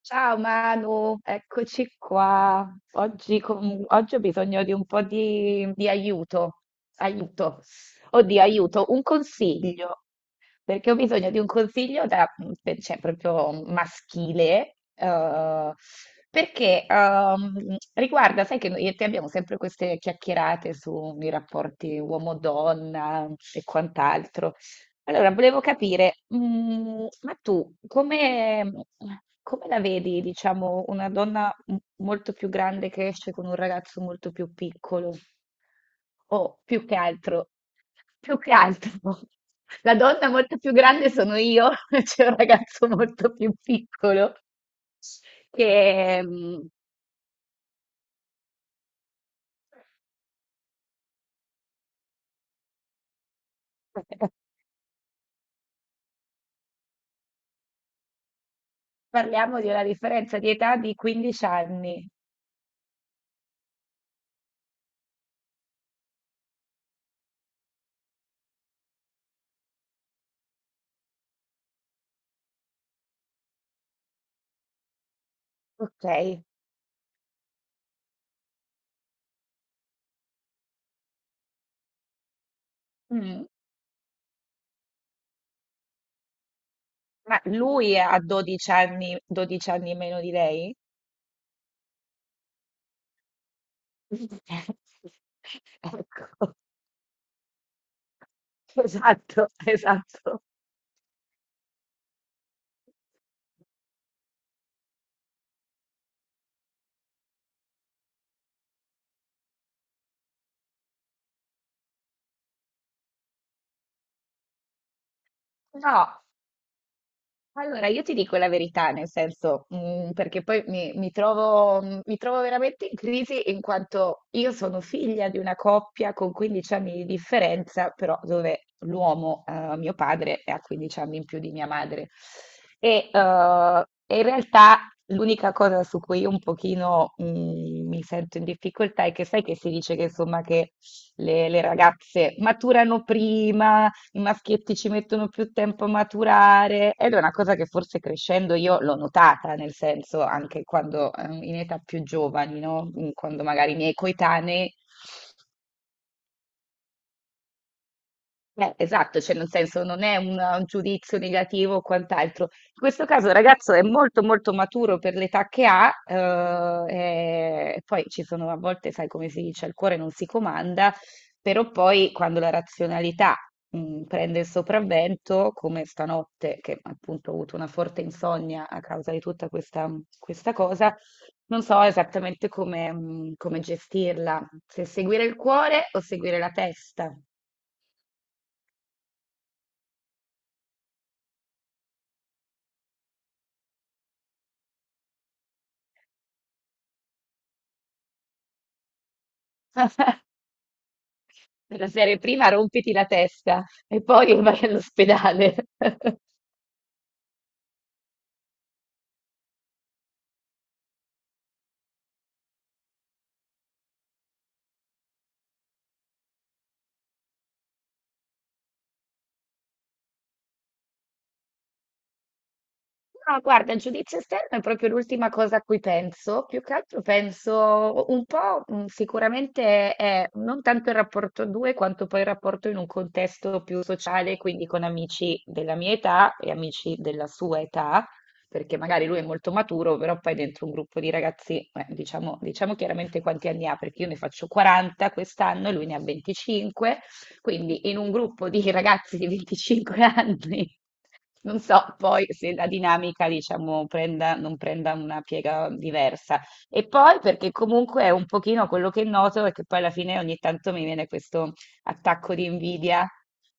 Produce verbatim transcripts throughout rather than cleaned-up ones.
Ciao Manu, eccoci qua. Oggi, com- oggi ho bisogno di un po' di, di aiuto, aiuto, oddio, aiuto, un consiglio, perché ho bisogno di un consiglio da, per- cioè, proprio maschile, eh, perché ehm, riguarda, sai che noi e te abbiamo sempre queste chiacchierate sui rapporti uomo-donna e quant'altro. Allora, volevo capire, mm, ma tu come, come la vedi, diciamo, una donna m- molto più grande che esce con un ragazzo molto più piccolo? O più che altro, più che altro, la donna molto più grande sono io, c'è un ragazzo molto più piccolo, che mm, parliamo di una differenza di età di quindici anni, ok? Mm. Ma lui ha dodici anni, dodici anni meno di lei? Ecco, esatto, esatto. No, allora, io ti dico la verità, nel senso, mm, perché poi mi, mi trovo, mm, mi trovo veramente in crisi in quanto io sono figlia di una coppia con quindici anni di differenza, però dove l'uomo, eh, mio padre, ha quindici anni in più di mia madre. E, eh, e in realtà l'unica cosa su cui io un pochino, mm, mi sento in difficoltà è che sai che si dice che insomma che le, le ragazze maturano prima, i maschietti ci mettono più tempo a maturare ed è una cosa che forse crescendo io l'ho notata, nel senso anche quando eh, in età più giovani, no? Mm, quando magari i miei coetanei… Eh, esatto, cioè nel senso non è un, un giudizio negativo o quant'altro. In questo caso il ragazzo è molto molto maturo per l'età che ha, eh, e poi ci sono a volte, sai come si dice, il cuore non si comanda, però poi quando la razionalità mh, prende il sopravvento, come stanotte, che appunto ho avuto una forte insonnia a causa di tutta questa, questa cosa, non so esattamente come, mh, come gestirla, se seguire il cuore o seguire la testa. Della serie prima rompiti la testa e poi vai all'ospedale. No, guarda, il giudizio esterno è proprio l'ultima cosa a cui penso. Più che altro penso un po', mh, sicuramente è non tanto il rapporto a due, quanto poi il rapporto in un contesto più sociale, quindi con amici della mia età e amici della sua età, perché magari lui è molto maturo, però poi dentro un gruppo di ragazzi, eh, diciamo, diciamo chiaramente quanti anni ha, perché io ne faccio quaranta quest'anno e lui ne ha venticinque. Quindi in un gruppo di ragazzi di venticinque anni, non so poi se la dinamica, diciamo, prenda, non prenda una piega diversa. E poi perché comunque è un pochino quello che noto è che poi alla fine ogni tanto mi viene questo attacco di invidia.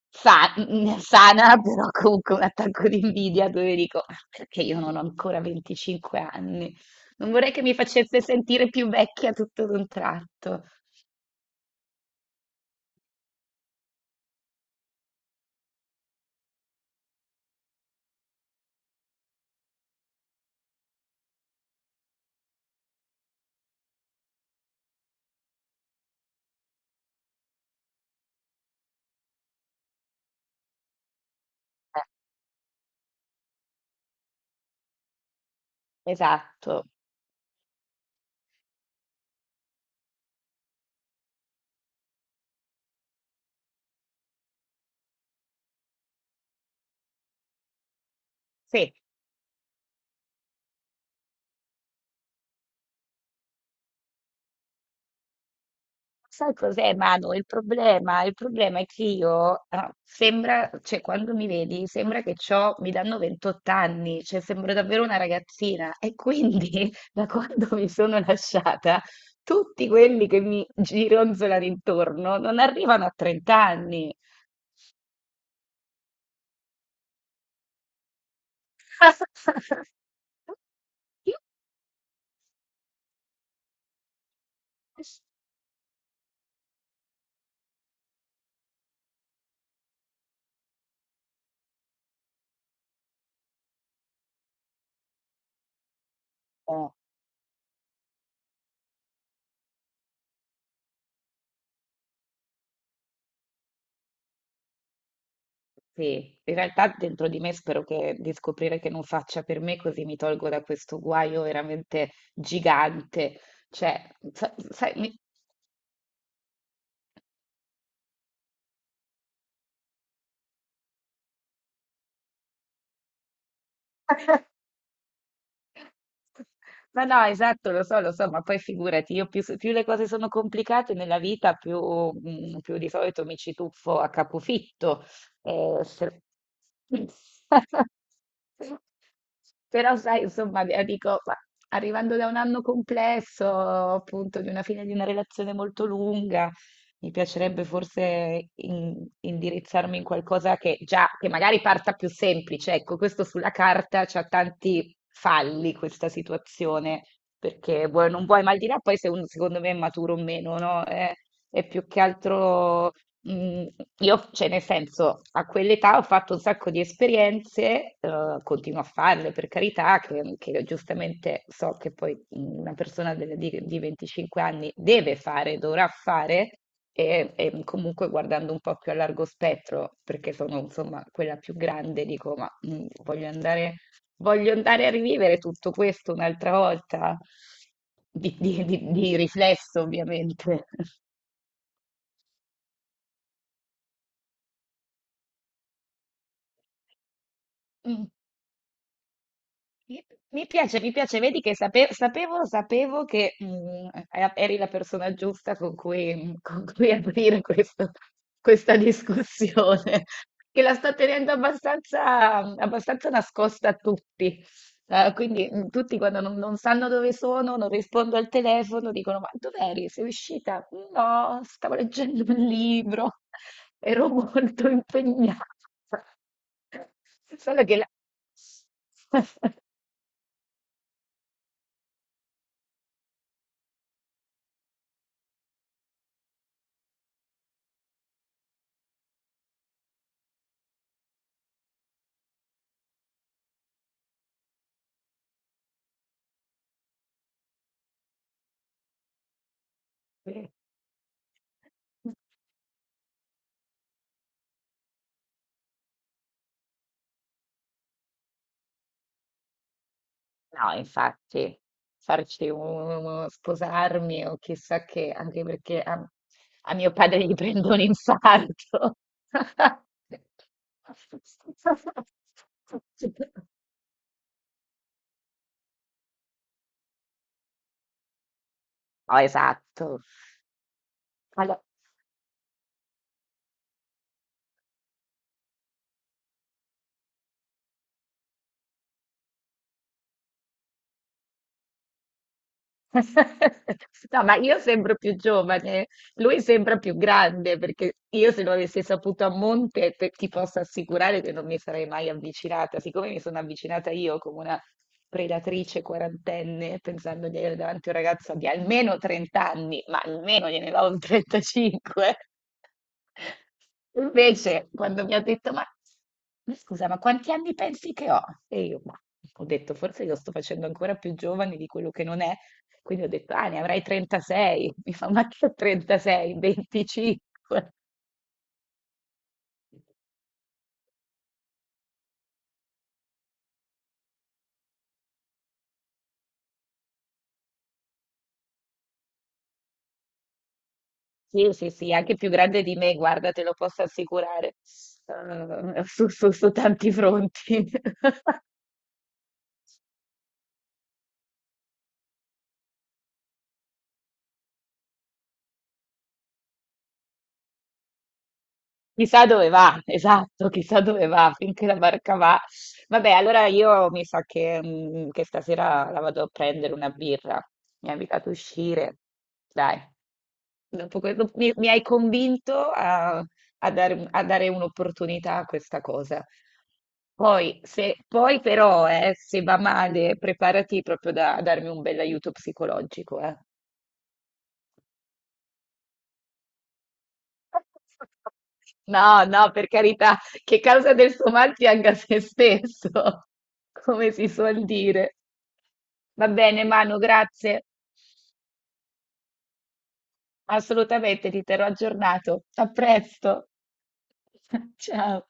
sa- Sana, però comunque un attacco di invidia dove dico: "Ah, perché io non ho ancora venticinque anni. Non vorrei che mi facesse sentire più vecchia tutto d'un tratto." Eh, esatto. Sì. Sai cos'è, Manu? Il problema, il problema è che io, ah, sembra, cioè quando mi vedi, sembra che c'ho, mi danno ventotto anni, cioè sembro davvero una ragazzina. E quindi, da quando mi sono lasciata, tutti quelli che mi gironzolano intorno non arrivano a trenta anni. Io… sì, in realtà dentro di me spero che, di scoprire che non faccia per me, così mi tolgo da questo guaio veramente gigante. Cioè, sa- sai, mi- ma no, esatto, lo so, lo so, ma poi figurati, io più, s- più le cose sono complicate nella vita, più, mm, più di solito mi ci tuffo a capofitto. Eh, se- Però sai, insomma, eh, dico, ma arrivando da un anno complesso, appunto, di una fine di una relazione molto lunga, mi piacerebbe forse in- indirizzarmi in qualcosa che già, che magari parta più semplice. Ecco, questo sulla carta c'ha tanti falli questa situazione, perché vuoi, non vuoi, ma al di là poi se uno secondo me è maturo o meno, no? È, è più che altro… Mm, io, cioè, nel senso, a quell'età ho fatto un sacco di esperienze, eh, continuo a farle per carità, che, che giustamente so che poi una persona delle- di, di venticinque anni deve fare, dovrà fare, e, e comunque guardando un po' più a largo spettro, perché sono insomma quella più grande, dico, ma mm, voglio andare, voglio andare a rivivere tutto questo un'altra volta, di, di di- di riflesso, ovviamente. Mi mi piace, mi piace, vedi che sape- sapevo, sapevo che mm, era- eri la persona giusta con cui, mm, con cui aprire questo- questa discussione, che la sto tenendo abbastanza, abbastanza nascosta a tutti. Eh, quindi mm, tutti quando non, non sanno dove sono, non rispondo al telefono, dicono: "Ma dov'eri? Sei uscita?" No, stavo leggendo un libro, ero molto impegnata. Solo che la... Sì. No, infatti, farci un, sposarmi o chissà che, anche perché a, a mio padre gli prendo un infarto. Oh, esatto. Allora, no, ma io sembro più giovane, lui sembra più grande, perché io se lo avessi saputo a monte, te- ti posso assicurare che non mi sarei mai avvicinata, siccome mi sono avvicinata io come una predatrice quarantenne, pensando di avere davanti un ragazzo di almeno trenta anni, ma almeno gliene do un trentacinque. Invece, quando mi ha detto, ma ma scusa, ma quanti anni pensi che ho? E io, ma ho detto, forse lo sto facendo ancora più giovane di quello che non è, quindi ho detto: "Ah, ne avrai trentasei". Mi fa: "Ma che trentasei? venticinque". Sì, sì, sì, anche più grande di me, guarda, te lo posso assicurare. Uhm, su su su tanti fronti. Chissà dove va, esatto, chissà dove va, finché la barca va. Vabbè, allora io mi sa che mhmm, che stasera la vado a prendere una birra. Mi ha invitato a uscire. Dai. Dopo que- dop- mi, mi hai convinto a, a dare, un- a dare un'opportunità a questa cosa. Poi, se- poi però, eh, se va male, preparati proprio da, a darmi un bell'aiuto psicologico, eh. No, no, per carità, che causa del suo mal pianga se stesso, come si suol dire. Va bene, Manu, grazie. Assolutamente, ti terrò aggiornato. A presto. Ciao.